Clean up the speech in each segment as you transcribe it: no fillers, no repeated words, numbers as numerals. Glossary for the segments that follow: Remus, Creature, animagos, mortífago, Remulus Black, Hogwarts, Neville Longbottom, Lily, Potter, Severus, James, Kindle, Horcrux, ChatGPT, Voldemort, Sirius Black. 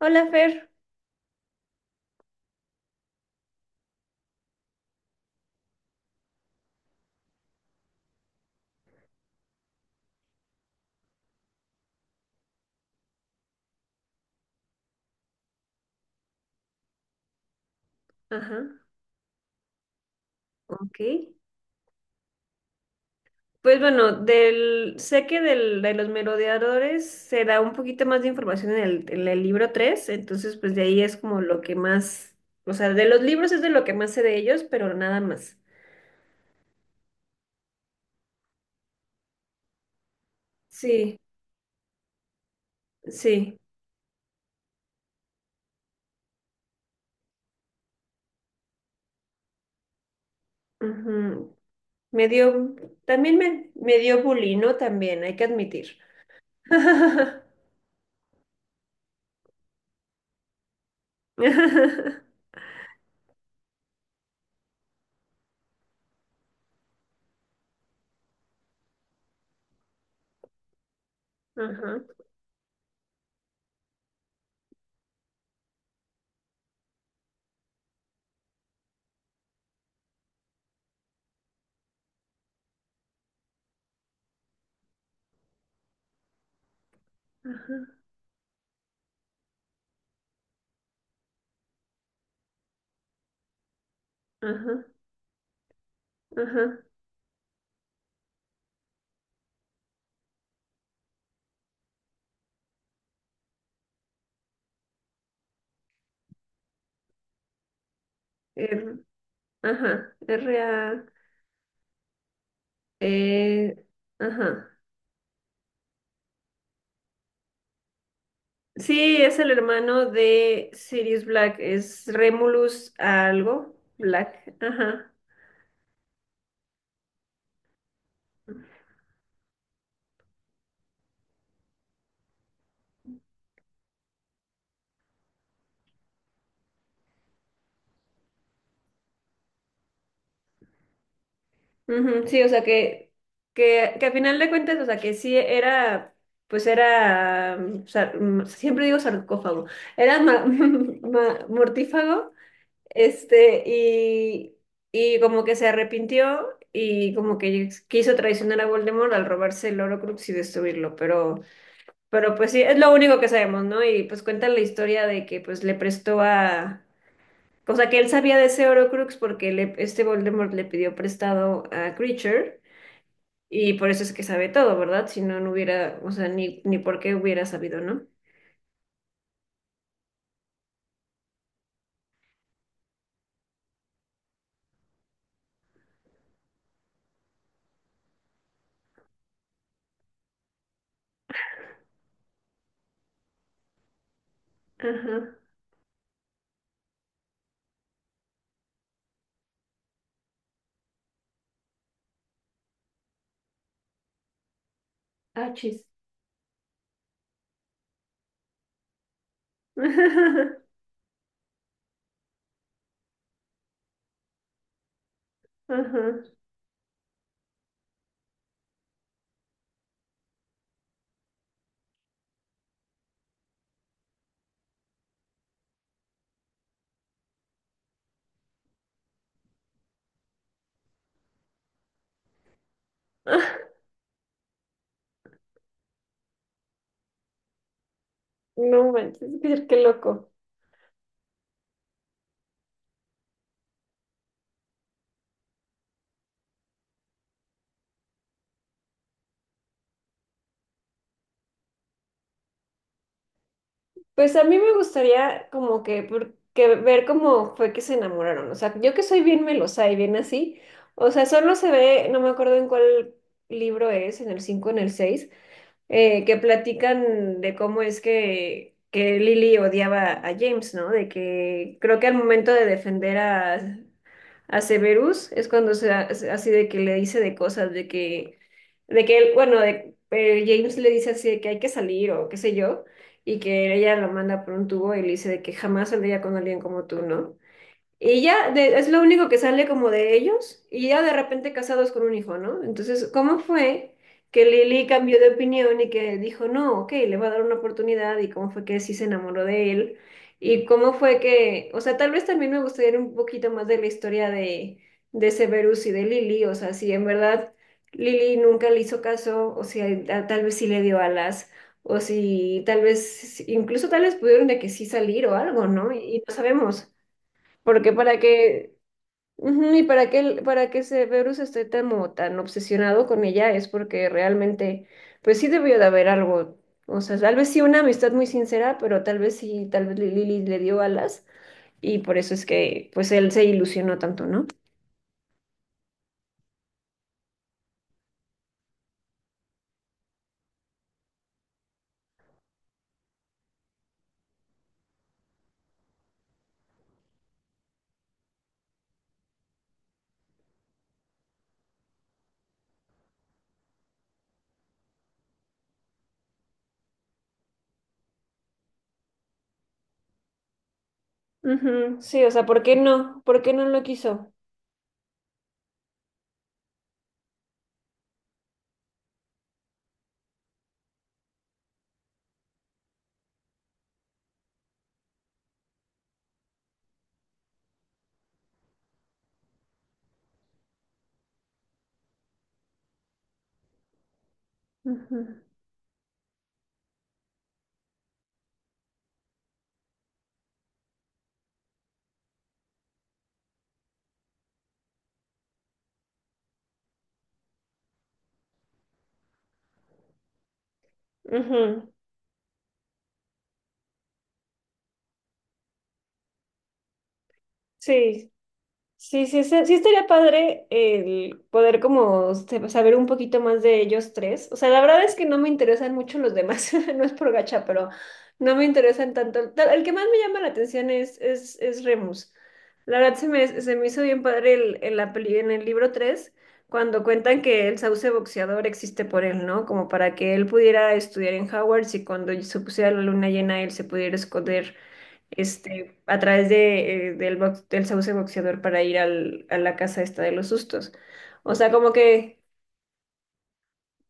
Hola, Fer. Ajá, ok. Pues bueno, sé que de los merodeadores se da un poquito más de información en el libro 3, entonces pues de ahí es como lo que más, o sea, de los libros es de lo que más sé de ellos, pero nada más. Sí, sí, ujú. Me dio, también me dio bullying, ¿no? También, hay que admitir. Ajá, ajá, ajá, ajá. R, ajá, R-A. Eh, ajá. Sí, es el hermano de Sirius Black, es Remulus algo, Black, ajá. Ujú, sí, o sea que a final de cuentas, o sea que sí era, pues era, siempre digo sarcófago, era mortífago, este, y como que se arrepintió y como que quiso traicionar a Voldemort al robarse el Horcrux y destruirlo, pero... Pero pues sí, es lo único que sabemos, ¿no? Y pues cuentan la historia de que pues le prestó a... O sea, que él sabía de ese Horcrux porque este Voldemort le pidió prestado a Creature y por eso es que sabe todo, ¿verdad? Si no, no hubiera, o sea, ni por qué hubiera sabido, ¿no? Ajá. Ah, chis. Ajá. Ah, no manches, qué loco. Pues a mí me gustaría como que, que ver cómo fue que se enamoraron. O sea, yo que soy bien melosa y bien así. O sea, solo se ve, no me acuerdo en cuál libro es, en el 5, en el 6, que platican de cómo es que Lily odiaba a James, ¿no? De que creo que al momento de defender a Severus, es cuando así de que le dice de cosas, de que él, bueno, de- James le dice así de que hay que salir o qué sé yo, y que ella lo manda por un tubo y le dice de que jamás saldría con alguien como tú, ¿no? Y ya es lo único que sale como de ellos y ya de repente casados con un hijo, ¿no? Entonces, ¿cómo fue que Lily cambió de opinión y que dijo, no, ok, le va a dar una oportunidad y cómo fue que sí se enamoró de él? Y cómo fue que, o sea, tal vez también me gustaría un poquito más de la historia de Severus y de Lily, o sea, si en verdad Lily nunca le hizo caso, o si tal vez sí le dio alas. O si tal vez, incluso tal vez pudieron de que sí salir o algo, ¿no? Y no sabemos. Porque para que, Ujú, para que Severus esté tan, como tan obsesionado con ella es porque realmente, pues sí debió de haber algo, o sea, tal vez sí una amistad muy sincera, pero tal vez sí, tal vez Lily le dio alas y por eso es que, pues él se ilusionó tanto, ¿no? Ujú, sí, o sea, ¿por qué no? ¿Por qué no lo quiso? Ujú, ujú, sí, sí, sí, sí, sí estaría padre el poder como saber un poquito más de ellos tres. O sea, la verdad es que no me interesan mucho los demás, no es por gacha, pero no me interesan tanto. El que más me llama la atención es, Remus. La verdad se me hizo bien padre el, en la peli- en el libro 3 cuando cuentan que el sauce boxeador existe por él, ¿no? Como para que él pudiera estudiar en Hogwarts y cuando se pusiera la luna llena él se pudiera esconder este, a través de, del sauce boxeador para ir a la casa esta de los sustos. O sea, como que,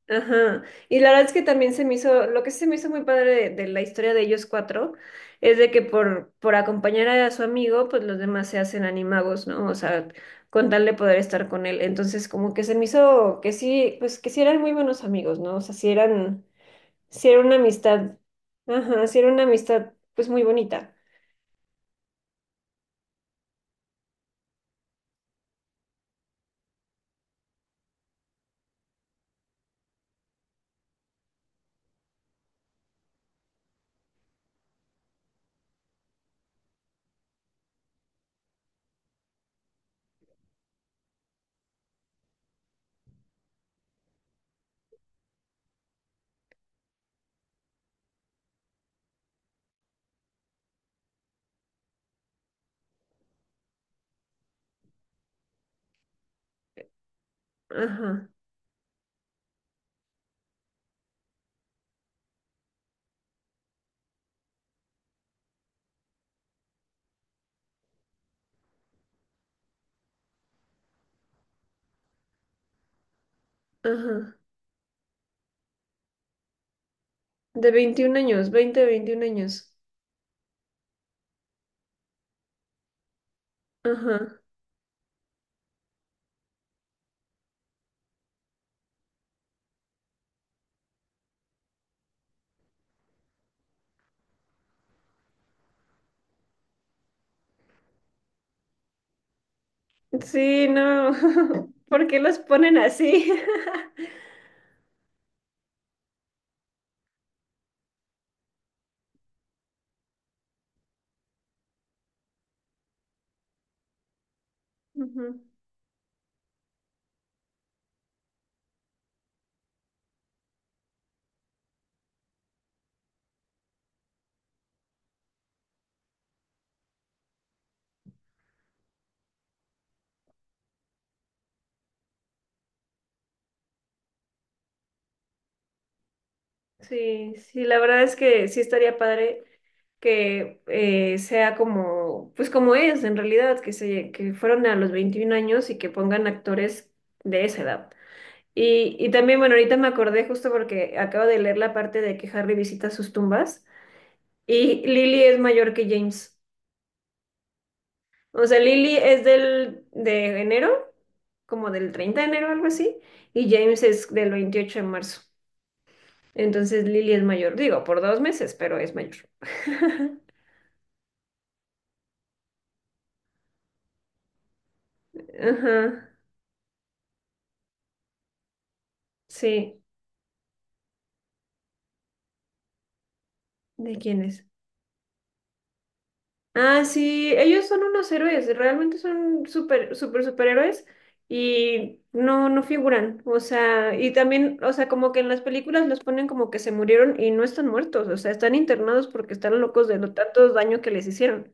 ajá. Y la verdad es que también se me hizo, lo que sí se me hizo muy padre de la historia de ellos cuatro es de que por acompañar a su amigo, pues los demás se hacen animagos, ¿no? O sea, con tal de poder estar con él. Entonces, como que se me hizo que sí, pues que sí eran muy buenos amigos, ¿no? O sea, sí eran, sí era una amistad, ajá, sí era una amistad, pues muy bonita. Ajá, ajá. De 21 años, 20 21 años. Ajá. Sí, no. ¿Por qué los ponen así? Ujú. Sí, sí, la verdad es que sí estaría padre que sea como, pues como es en realidad, que fueron a los 21 años y que pongan actores de esa edad. Y también, bueno, ahorita me acordé justo porque acabo de leer la parte de que Harry visita sus tumbas y Lily es mayor que James. O sea, Lily es como del 30 de enero, algo así, y James es del 28 de marzo. Entonces Lily es mayor, digo, por 2 meses, pero es mayor. Ajá, sí. ¿De quién es? Ah, sí, ellos son unos héroes, realmente son super, super, superhéroes y no, no figuran. O sea, y también, o sea, como que en las películas los ponen como que se murieron y no están muertos, o sea, están internados porque están locos de lo tantos daño que les hicieron.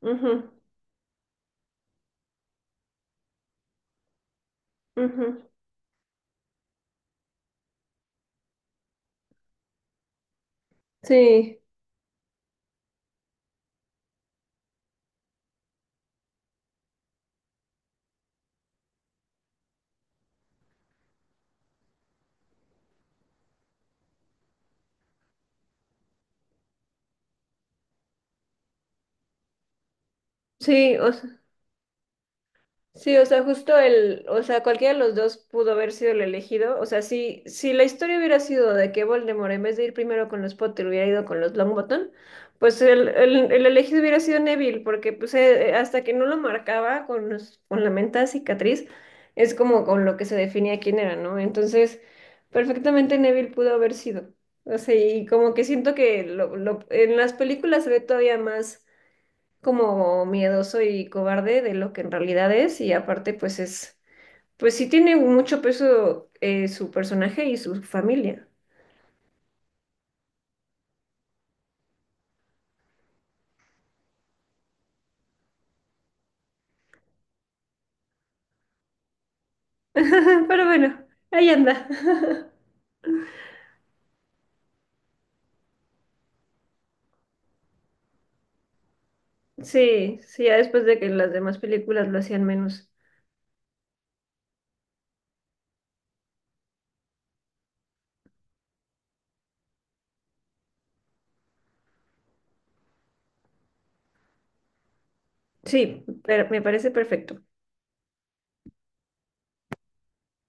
Ujú. Ujú. Sí, sí, o sea, sí, o sea, justo o sea, cualquiera de los dos pudo haber sido el elegido. O sea, si la historia hubiera sido de que Voldemort, en vez de ir primero con los Potter, hubiera ido con los Longbottom, pues el elegido hubiera sido Neville, porque pues hasta que no lo marcaba con la menta cicatriz, es como con lo que se definía quién era, ¿no? Entonces, perfectamente Neville pudo haber sido. O sea, y como que siento que en las películas se ve todavía más como miedoso y cobarde de lo que en realidad es y aparte pues sí tiene mucho peso su personaje y su familia. Pero bueno, ahí anda. Sí, sí, ya después de que las demás películas lo hacían menos. Sí, pero me parece perfecto.